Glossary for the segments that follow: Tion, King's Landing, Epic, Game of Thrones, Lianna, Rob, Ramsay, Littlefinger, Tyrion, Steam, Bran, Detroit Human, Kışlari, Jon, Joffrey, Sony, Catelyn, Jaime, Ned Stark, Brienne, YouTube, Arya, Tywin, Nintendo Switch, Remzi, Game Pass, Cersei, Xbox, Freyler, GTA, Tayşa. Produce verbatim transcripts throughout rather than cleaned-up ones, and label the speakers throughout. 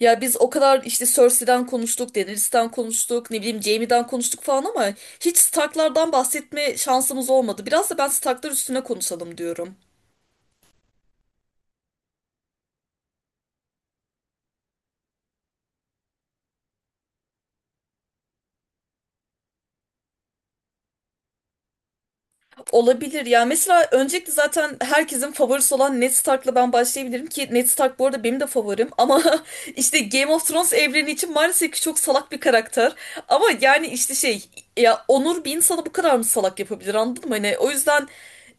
Speaker 1: Ya biz o kadar işte Cersei'den konuştuk, Daenerys'ten konuştuk, ne bileyim Jaime'den konuştuk falan ama hiç Stark'lardan bahsetme şansımız olmadı. Biraz da ben Stark'lar üstüne konuşalım diyorum. Olabilir ya. Mesela öncelikle zaten herkesin favorisi olan Ned Stark'la ben başlayabilirim ki Ned Stark bu arada benim de favorim ama işte Game of Thrones evreni için maalesef ki çok salak bir karakter. Ama yani işte şey, ya onur bir insanı bu kadar mı salak yapabilir, anladın mı? Hani o yüzden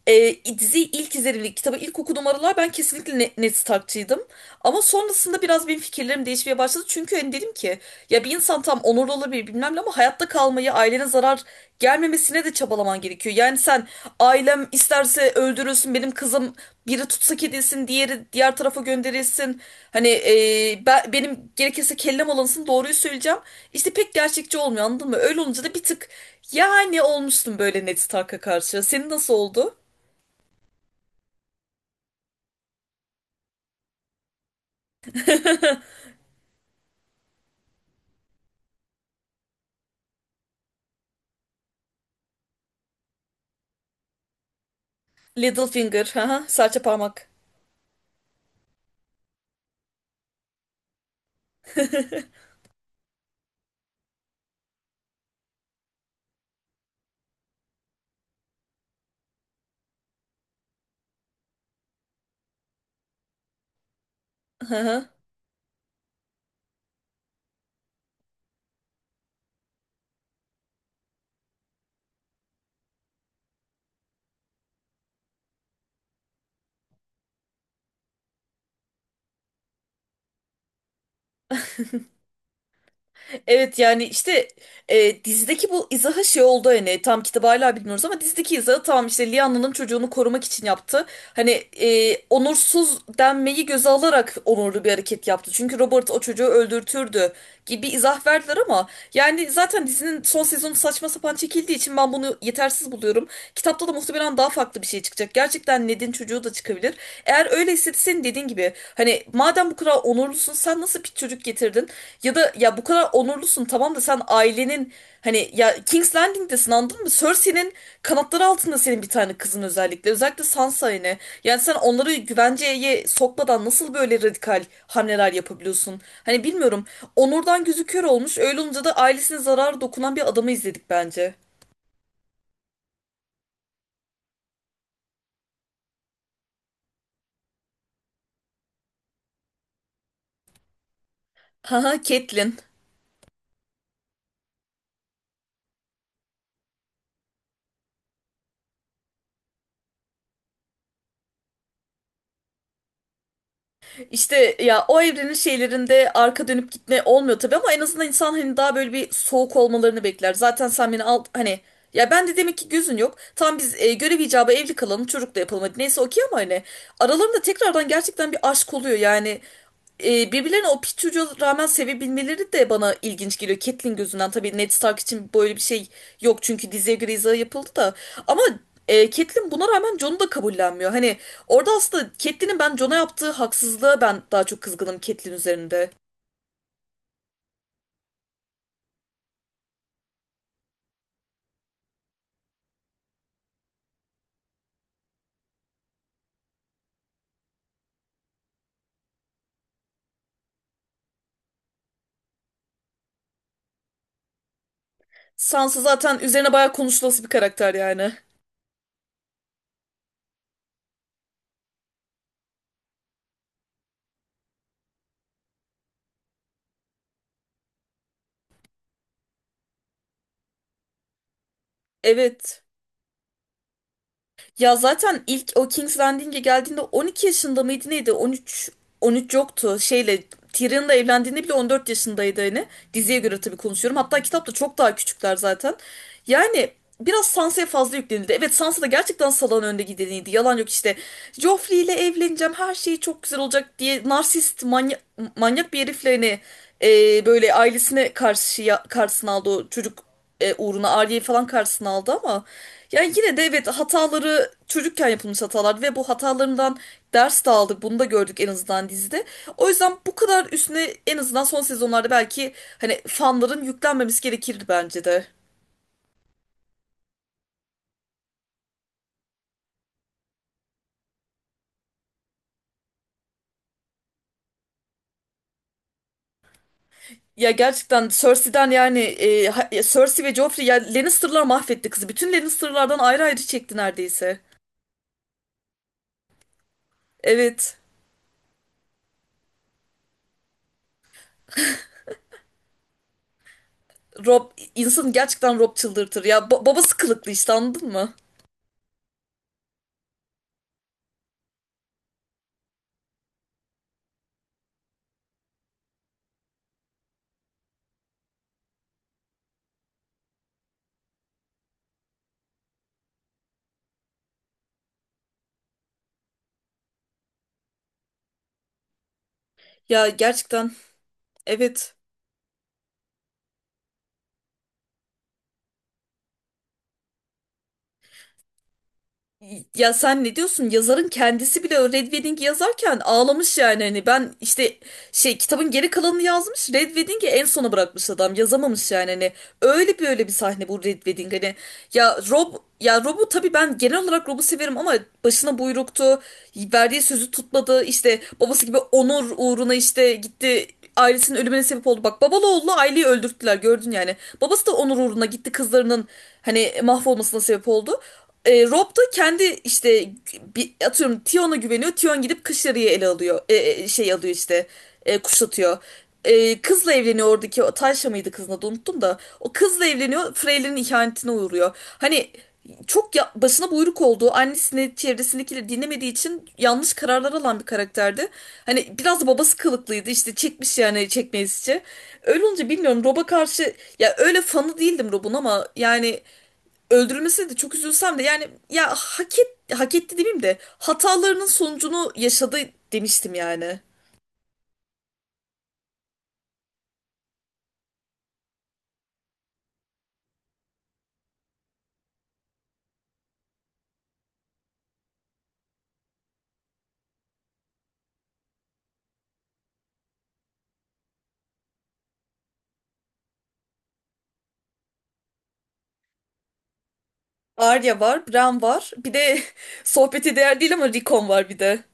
Speaker 1: e, diziyi ilk izlediğimde, kitabı ilk okuduğum aralar ben kesinlikle Ne- Ned Stark'çıydım. Ama sonrasında biraz benim fikirlerim değişmeye başladı. Çünkü hani dedim ki ya bir insan tam onurlu olabilir bilmem ne, ama hayatta kalmayı, ailene zarar gelmemesine de çabalaman gerekiyor. Yani sen ailem isterse öldürülsün, benim kızım biri tutsak edilsin, diğeri diğer tarafa gönderilsin. Hani e, ben, benim gerekirse kellem alınsın, doğruyu söyleyeceğim. İşte pek gerçekçi olmuyor, anladın mı? Öyle olunca da bir tık yani olmuştum böyle Ned Stark'a karşı. Senin nasıl oldu? Littlefinger, hı hı, serçe parmak. Evet yani işte e, dizideki bu izaha şey oldu, hani tam kitabı hala bilmiyoruz ama dizideki izahı tamam, işte Lianna'nın çocuğunu korumak için yaptı. Hani e, onursuz denmeyi göze alarak onurlu bir hareket yaptı. Çünkü Robert o çocuğu öldürtürdü gibi izah verdiler ama yani zaten dizinin son sezonu saçma sapan çekildiği için ben bunu yetersiz buluyorum. Kitapta da muhtemelen daha farklı bir şey çıkacak. Gerçekten Ned'in çocuğu da çıkabilir. Eğer öyleyse senin dediğin gibi hani madem bu kadar onurlusun, sen nasıl bir çocuk getirdin? Ya da ya bu kadar onurlusun tamam da sen ailenin hani ya King's Landing'desin, anladın mı? Cersei'nin kanatları altında senin bir tane kızın özellikle. Özellikle Sansa yine. Yani sen onları güvenceye sokmadan nasıl böyle radikal hamleler yapabiliyorsun? Hani bilmiyorum. Onurdan gözü kör olmuş. Öyle olunca da ailesine zarar dokunan bir adamı izledik bence. Haha, Catelyn. İşte ya o evrenin şeylerinde arka dönüp gitme olmuyor tabii, ama en azından insan hani daha böyle bir soğuk olmalarını bekler. Zaten sen beni al hani, ya ben de demek ki gözün yok. Tam biz e, görev icabı evli kalalım, çocuk da yapalım, hadi neyse okey, ama hani aralarında tekrardan gerçekten bir aşk oluyor yani. E, birbirlerine o Pitu'ya rağmen sevebilmeleri de bana ilginç geliyor. Catelyn gözünden tabii Ned Stark için böyle bir şey yok, çünkü diziye göre izah yapıldı da. Ama e, Catelyn buna rağmen Jon'u da kabullenmiyor. Hani orada aslında Catelyn'in ben Jon'a yaptığı haksızlığa ben daha çok kızgınım Catelyn üzerinde. Sansa zaten üzerine bayağı konuşulası bir karakter yani. Evet. Ya zaten ilk o King's Landing'e geldiğinde on iki yaşında mıydı neydi? on üç, on üç yoktu. Şeyle Tyrion'la evlendiğinde bile on dört yaşındaydı hani. Diziye göre tabii konuşuyorum. Hatta kitapta çok daha küçükler zaten. Yani biraz Sansa'ya fazla yüklenildi. Evet Sansa da gerçekten salağın önde gideniydi. Yalan yok işte. Joffrey ile evleneceğim. Her şey çok güzel olacak diye narsist manyak, manyak bir herifle hani e, böyle ailesine karşı karşısına aldı o çocuk, e, uğruna Arya'yı falan karşısına aldı, ama yani yine de evet hataları çocukken yapılmış hatalar ve bu hatalarından ders de aldık. Bunu da gördük en azından dizide. O yüzden bu kadar üstüne en azından son sezonlarda belki hani fanların yüklenmemesi gerekirdi bence de. Ya gerçekten Cersei'den yani e, ha- ya Cersei ve Joffrey, ya Lannister'lar mahvetti kızı. Bütün Lannister'lardan ayrı ayrı çekti neredeyse. Evet. Rob insanı gerçekten, Rob çıldırtır. Ya ba- babası kılıklı işte, anladın mı? Ya gerçekten evet. Ya sen ne diyorsun? Yazarın kendisi bile o Red Wedding'i yazarken ağlamış yani. Hani ben işte şey kitabın geri kalanını yazmış. Red Wedding'i en sona bırakmış adam. Yazamamış yani. Hani öyle bir öyle bir sahne bu Red Wedding. Hani ya Rob, ya Rob'u tabii ben genel olarak Rob'u severim ama başına buyruktu. Verdiği sözü tutmadı. İşte babası gibi onur uğruna işte gitti, ailesinin ölümüne sebep oldu. Bak babalı oğlu aileyi öldürttüler, gördün yani. Babası da onur uğruna gitti, kızlarının hani mahvolmasına sebep oldu. E, Rob da kendi işte bir, atıyorum Tion'a güveniyor. Tion gidip Kışlari'yi ele alıyor. E, e, şey alıyor işte. E, kuşatıyor. E, kızla evleniyor, oradaki o Tayşa mıydı kızın adı, unuttum da. O kızla evleniyor. Freyler'in ihanetine uğruyor. Hani çok ya, başına buyruk olduğu, annesini çevresindekileri dinlemediği için yanlış kararlar alan bir karakterdi. Hani biraz da babası kılıklıydı, işte çekmiş yani çekmeyizce. Öyle olunca bilmiyorum, Rob'a karşı ya öyle fanı değildim Rob'un ama yani öldürülmesine de çok üzülsem de yani ya hak et, hak etti demeyeyim de hatalarının sonucunu yaşadı demiştim yani. Arya var, Bran var. Bir de sohbete değer değil ama Rickon var bir de.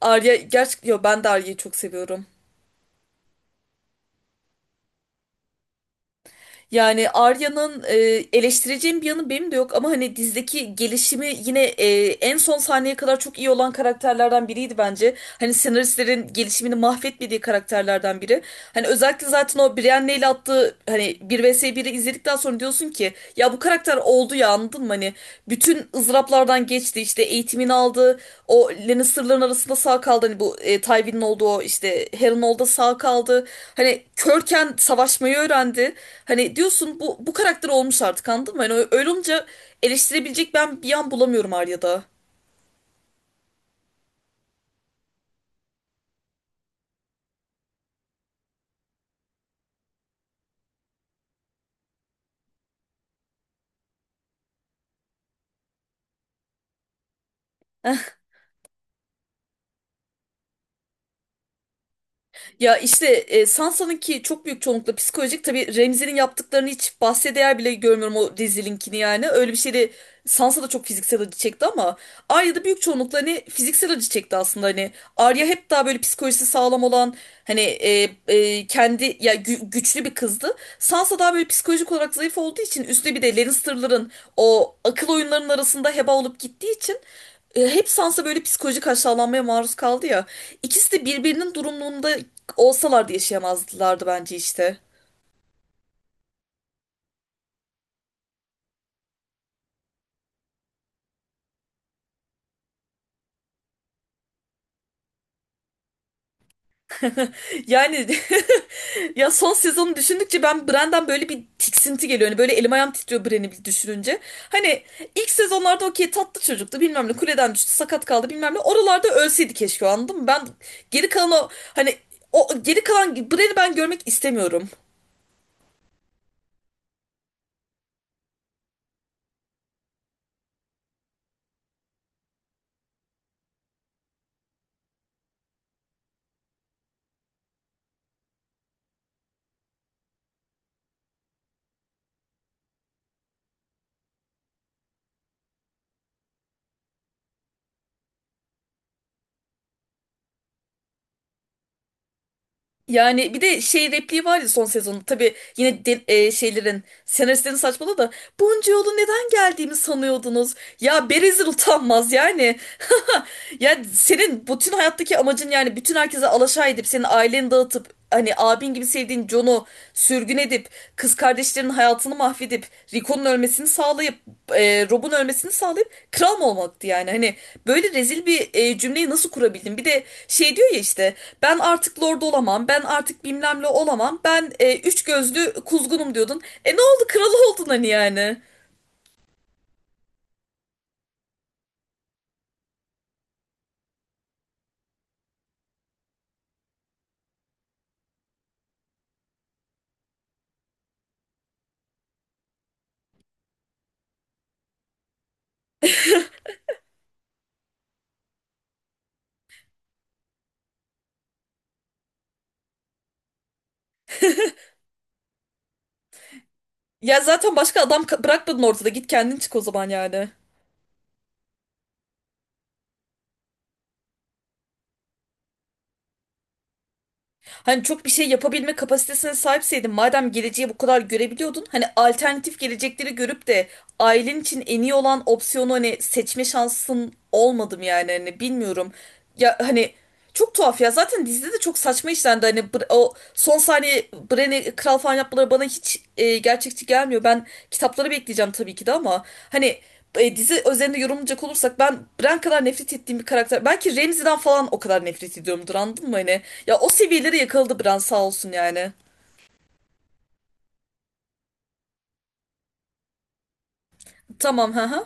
Speaker 1: Arya gerçek, yo ben de Arya'yı çok seviyorum. Yani Arya'nın e, eleştireceğim bir yanı benim de yok, ama hani dizdeki gelişimi yine e, en son sahneye kadar çok iyi olan karakterlerden biriydi bence. Hani senaristlerin gelişimini mahvetmediği karakterlerden biri. Hani özellikle zaten o Brienne'le ile attığı hani bir vs biri izledikten sonra diyorsun ki ya bu karakter oldu ya, anladın mı? Hani bütün ızraplardan geçti, işte eğitimini aldı, o Lannister'ların arasında sağ kaldı, hani bu e, Tywin'in olduğu o işte Harry'nin olduğu sağ kaldı, hani körken savaşmayı öğrendi, hani diyorsun bu bu karakter olmuş artık, anladın mı? Hani ö- öyle olunca eleştirebilecek ben bir yan bulamıyorum Arya'da. Ya işte e, Sansa'nınki çok büyük çoğunlukla psikolojik. Tabii Remzi'nin yaptıklarını hiç bahse değer bile görmüyorum, o rezilinkini yani. Öyle bir şey, Sansa da çok fiziksel acı çekti ama Arya da büyük çoğunlukla hani fiziksel acı çekti aslında hani. Arya hep daha böyle psikolojisi sağlam olan hani e, e, kendi ya gü- güçlü bir kızdı. Sansa daha böyle psikolojik olarak zayıf olduğu için üstüne bir de Lannister'ların o akıl oyunlarının arasında heba olup gittiği için e, hep Sansa böyle psikolojik aşağılanmaya maruz kaldı ya. İkisi de birbirinin durumunda olsalardı yaşayamazlardı bence işte. Yani ya son sezonu düşündükçe ben Bran'dan böyle bir tiksinti geliyor. Hani böyle elim ayağım titriyor Bran'i bir düşününce. Hani ilk sezonlarda okey tatlı çocuktu bilmem ne, kuleden düştü sakat kaldı bilmem ne. Oralarda ölseydi keşke o, anladın mı? Ben geri kalan o hani o geri kalan Bran'i ben görmek istemiyorum. Yani bir de şey repliği var ya son sezonun. Tabii yine de- e, şeylerin senaristlerin saçmalığı da, bunca yolu neden geldiğimi sanıyordunuz? Ya Berezil utanmaz yani. Ya senin bütün hayattaki amacın yani bütün herkese alaşağı edip senin aileni dağıtıp hani abin gibi sevdiğin Jon'u sürgün edip kız kardeşlerinin hayatını mahvedip Rico'nun ölmesini sağlayıp e, Rob'un ölmesini sağlayıp kral mı olmaktı yani, hani böyle rezil bir e, cümleyi nasıl kurabildin, bir de şey diyor ya işte ben artık lord olamam. Ben artık bilmem ne olamam. Ben e, üç gözlü kuzgunum diyordun. E ne oldu? Kralı oldun hani yani. Ya zaten başka adam ka- bırakmadın ortada. Git kendin çık o zaman yani. Hani çok bir şey yapabilme kapasitesine sahipseydin, madem geleceği bu kadar görebiliyordun, hani alternatif gelecekleri görüp de ailen için en iyi olan opsiyonu hani seçme şansın olmadım yani hani bilmiyorum. Ya hani çok tuhaf ya, zaten dizide de çok saçma işlendi hani Br- o son saniye Bren'i kral falan yapmaları bana hiç e, gerçekçi gelmiyor. Ben kitapları bekleyeceğim tabii ki de, ama hani e, dizi özelinde yorumlayacak olursak ben Bran kadar nefret ettiğim bir karakter. Belki Ramsay'den falan o kadar nefret ediyorumdur, anladın mı hani? Ya o seviyelere yakaladı Bran sağ olsun yani. Tamam ha.